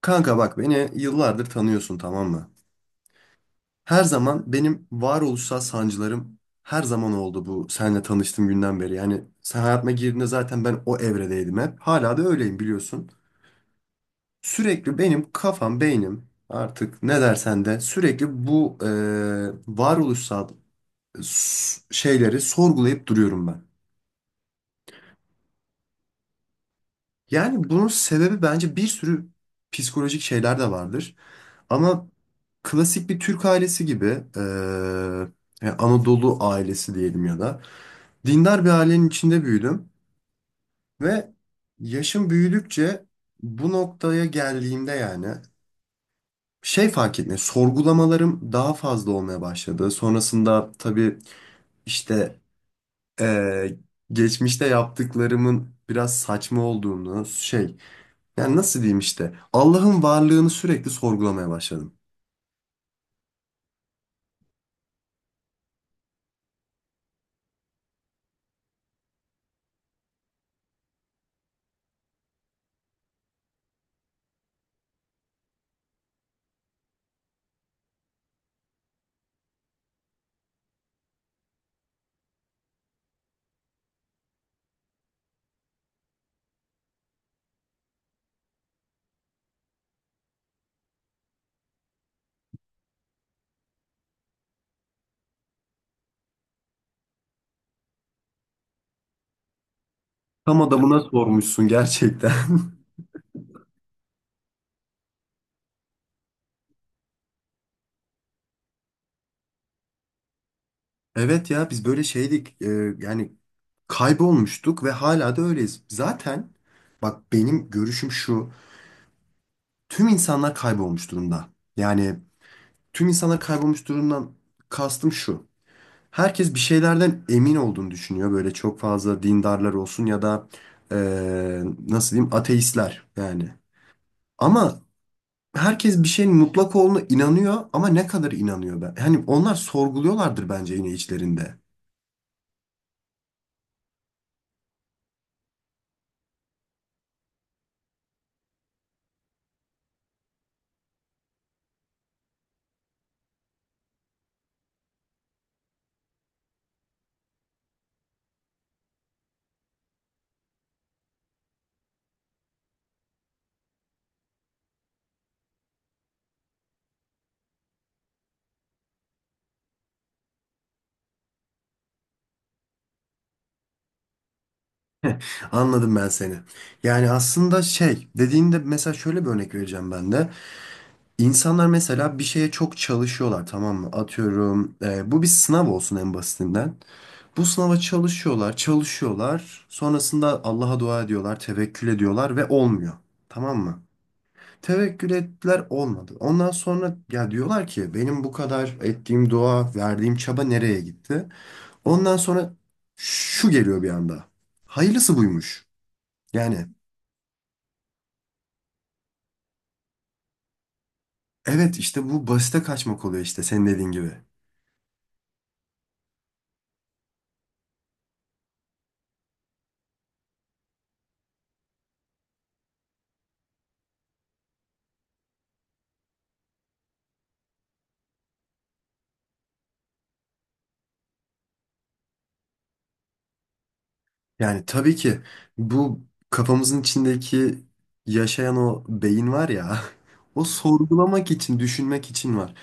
Kanka bak beni yıllardır tanıyorsun, tamam mı? Her zaman benim varoluşsal sancılarım her zaman oldu bu seninle tanıştığım günden beri. Yani sen hayatıma girdiğinde zaten ben o evredeydim hep. Hala da öyleyim biliyorsun. Sürekli benim kafam, beynim, artık ne dersen de sürekli bu varoluşsal şeyleri sorgulayıp duruyorum ben. Yani bunun sebebi bence bir sürü psikolojik şeyler de vardır. Ama klasik bir Türk ailesi gibi eee, yani Anadolu ailesi diyelim, ya da dindar bir ailenin içinde büyüdüm ve yaşım büyüdükçe bu noktaya geldiğimde, yani şey fark etmiyor. Sorgulamalarım daha fazla olmaya başladı. Sonrasında tabii işte eee, geçmişte yaptıklarımın biraz saçma olduğunu şey, yani nasıl diyeyim, işte Allah'ın varlığını sürekli sorgulamaya başladım. Tam adamına sormuşsun gerçekten. Evet ya, biz böyle şeydik, yani kaybolmuştuk ve hala da öyleyiz. Zaten bak, benim görüşüm şu: tüm insanlar kaybolmuş durumda. Yani tüm insanlar kaybolmuş durumdan kastım şu: herkes bir şeylerden emin olduğunu düşünüyor. Böyle çok fazla dindarlar olsun ya da e, nasıl diyeyim, ateistler yani. Ama herkes bir şeyin mutlak olduğuna inanıyor, ama ne kadar inanıyor ben? Hani onlar sorguluyorlardır bence yine içlerinde. Anladım ben seni. Yani aslında şey dediğinde, mesela şöyle bir örnek vereceğim ben de. İnsanlar mesela bir şeye çok çalışıyorlar, tamam mı? Atıyorum, bu bir sınav olsun en basitinden. Bu sınava çalışıyorlar, çalışıyorlar. Sonrasında Allah'a dua ediyorlar, tevekkül ediyorlar ve olmuyor. Tamam mı? Tevekkül ettiler, olmadı. Ondan sonra ya diyorlar ki, benim bu kadar ettiğim dua, verdiğim çaba nereye gitti? Ondan sonra şu geliyor bir anda: hayırlısı buymuş. Yani evet, işte bu basite kaçmak oluyor, işte senin dediğin gibi. Yani tabii ki bu kafamızın içindeki yaşayan o beyin var ya, o sorgulamak için, düşünmek için var.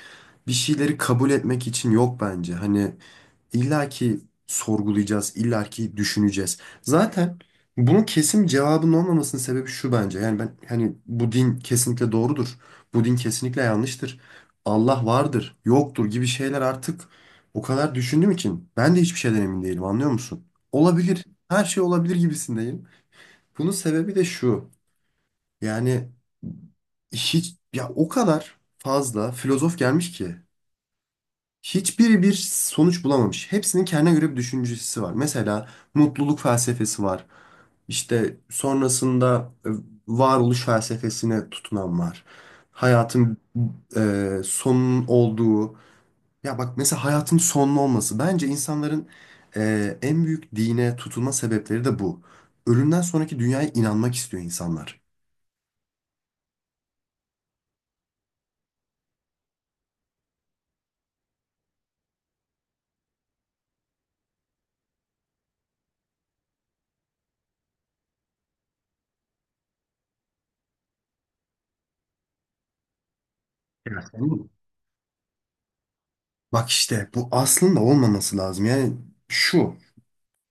Bir şeyleri kabul etmek için yok bence. Hani İlla ki sorgulayacağız, illa ki düşüneceğiz. Zaten bunun kesin bir cevabının olmamasının sebebi şu bence. Yani ben hani, bu din kesinlikle doğrudur, bu din kesinlikle yanlıştır, Allah vardır, yoktur gibi şeyler artık o kadar düşündüğüm için, ben de hiçbir şeyden emin değilim, anlıyor musun? Olabilir, her şey olabilir gibisindeyim. Bunun sebebi de şu: yani hiç ya, o kadar fazla filozof gelmiş ki hiçbiri bir sonuç bulamamış. Hepsinin kendine göre bir düşüncesi var. Mesela mutluluk felsefesi var. İşte sonrasında varoluş felsefesine tutunan var. Hayatın sonunun olduğu. Ya bak, mesela hayatın sonlu olması. Bence insanların en büyük dine tutulma sebepleri de bu. Ölümden sonraki dünyaya inanmak istiyor insanlar. Evet. Anladın mı? Bak işte bu aslında olmaması lazım. Yani şu: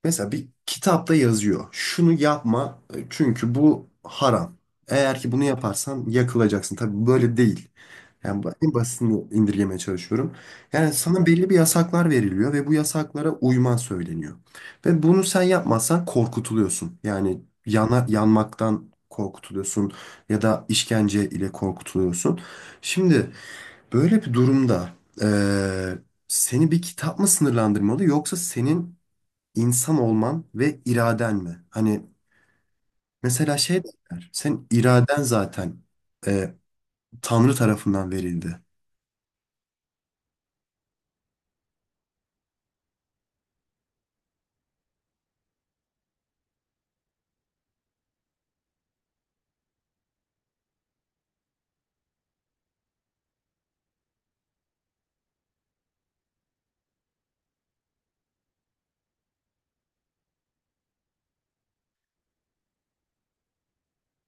mesela bir kitapta yazıyor. Şunu yapma, çünkü bu haram. Eğer ki bunu yaparsan yakılacaksın. Tabii böyle değil. Yani en basitini indirgemeye çalışıyorum. Yani sana belli bir yasaklar veriliyor ve bu yasaklara uyman söyleniyor. Ve bunu sen yapmazsan korkutuluyorsun. Yani yanmaktan korkutuluyorsun ya da işkence ile korkutuluyorsun. Şimdi böyle bir durumda, e, seni bir kitap mı sınırlandırmalı, yoksa senin İnsan olman ve iraden mi? Hani mesela şey derler, sen iraden zaten e, Tanrı tarafından verildi.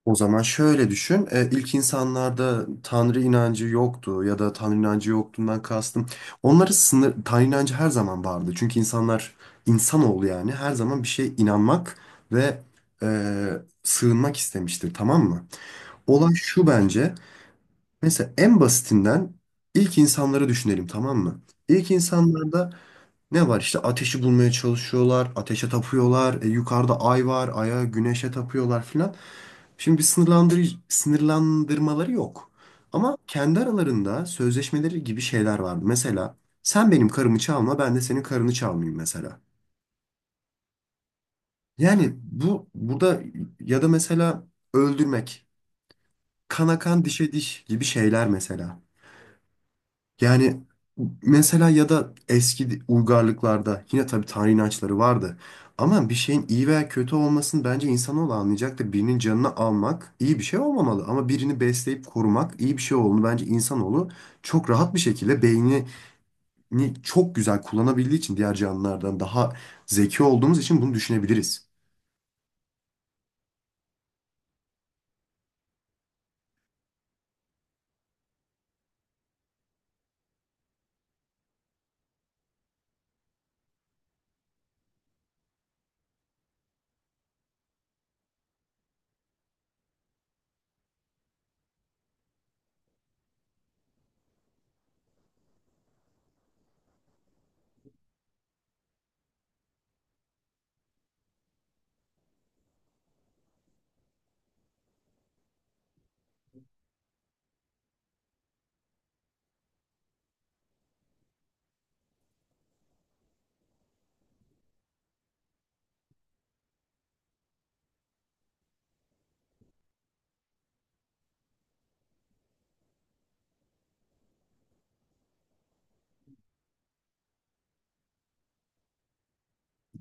O zaman şöyle düşün: ilk insanlarda Tanrı inancı yoktu, ya da Tanrı inancı yoktuğundan kastım. Tanrı inancı her zaman vardı. Çünkü insanlar, insanoğlu yani, her zaman bir şeye inanmak ve e, sığınmak istemiştir, tamam mı? Olay şu bence: mesela en basitinden ilk insanları düşünelim, tamam mı? İlk insanlarda ne var işte, ateşi bulmaya çalışıyorlar, ateşe tapıyorlar, yukarıda ay var, aya, güneşe tapıyorlar filan. Şimdi bir sınırlandırmaları yok. Ama kendi aralarında sözleşmeleri gibi şeyler var. Mesela sen benim karımı çalma, ben de senin karını çalmayayım mesela. Yani bu burada, ya da mesela öldürmek, kana kan dişe diş gibi şeyler mesela. Yani mesela, ya da eski uygarlıklarda yine tabii tanrı inançları vardı. Ama bir şeyin iyi veya kötü olmasını bence insanoğlu anlayacaktır. Birinin canını almak iyi bir şey olmamalı. Ama birini besleyip korumak iyi bir şey olduğunu, bence insanoğlu çok rahat bir şekilde beynini çok güzel kullanabildiği için, diğer canlılardan daha zeki olduğumuz için bunu düşünebiliriz.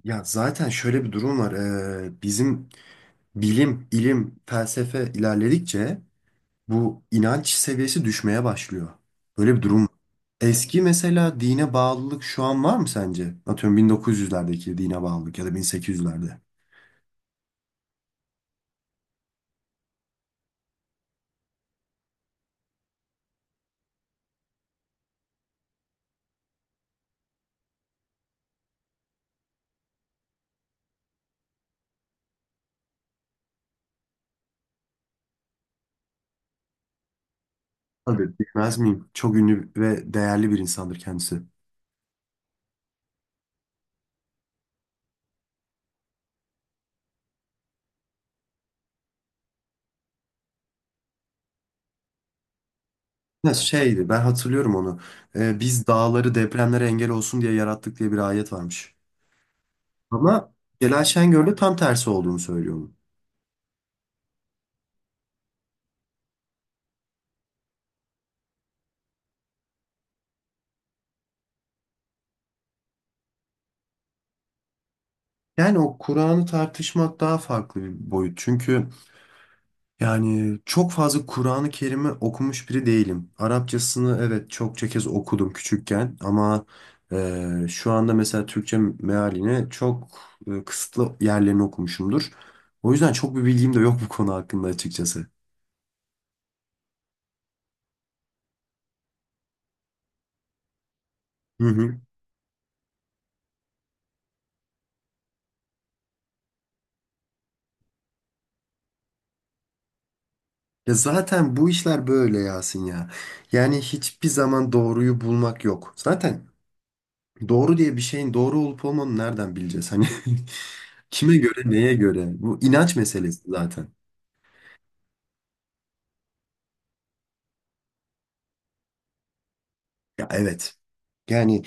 Ya zaten şöyle bir durum var. Bizim bilim, ilim, felsefe ilerledikçe bu inanç seviyesi düşmeye başlıyor. Böyle bir durum var. Eski mesela dine bağlılık şu an var mı sence? Atıyorum 1900'lerdeki dine bağlılık, ya da 1800'lerde. Tabii bilmez miyim? Çok ünlü ve değerli bir insandır kendisi. Ya şeydi, ben hatırlıyorum onu. Biz dağları depremlere engel olsun diye yarattık diye bir ayet varmış. Ama Celal Şengör tam tersi olduğunu söylüyor onun. Yani o Kur'an'ı tartışmak daha farklı bir boyut. Çünkü yani çok fazla Kur'an-ı Kerim'i okumuş biri değilim. Arapçasını evet çokça kez okudum küçükken, ama şu anda mesela Türkçe mealini çok kısıtlı yerlerini okumuşumdur. O yüzden çok bir bilgim de yok bu konu hakkında, açıkçası. Hı hı. Ya zaten bu işler böyle Yasin ya. Yani hiçbir zaman doğruyu bulmak yok. Zaten doğru diye bir şeyin doğru olup olmadığını nereden bileceğiz? Hani kime göre, neye göre? Bu inanç meselesi zaten. Ya evet. Yani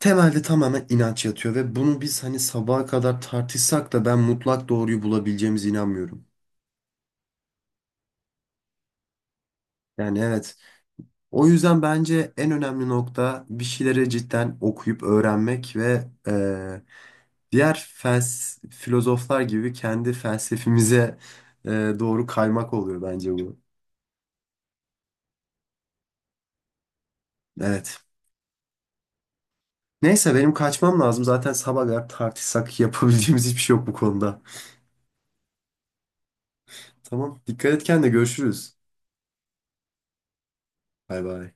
temelde tamamen inanç yatıyor ve bunu biz hani sabaha kadar tartışsak da, ben mutlak doğruyu bulabileceğimize inanmıyorum. Yani evet. O yüzden bence en önemli nokta bir şeyleri cidden okuyup öğrenmek ve diğer filozoflar gibi kendi felsefemize e, doğru kaymak, oluyor bence bu. Evet. Neyse benim kaçmam lazım. Zaten sabaha kadar tartışsak yapabileceğimiz hiçbir şey yok bu konuda. Tamam. Dikkat et kendine, görüşürüz. Bay bay.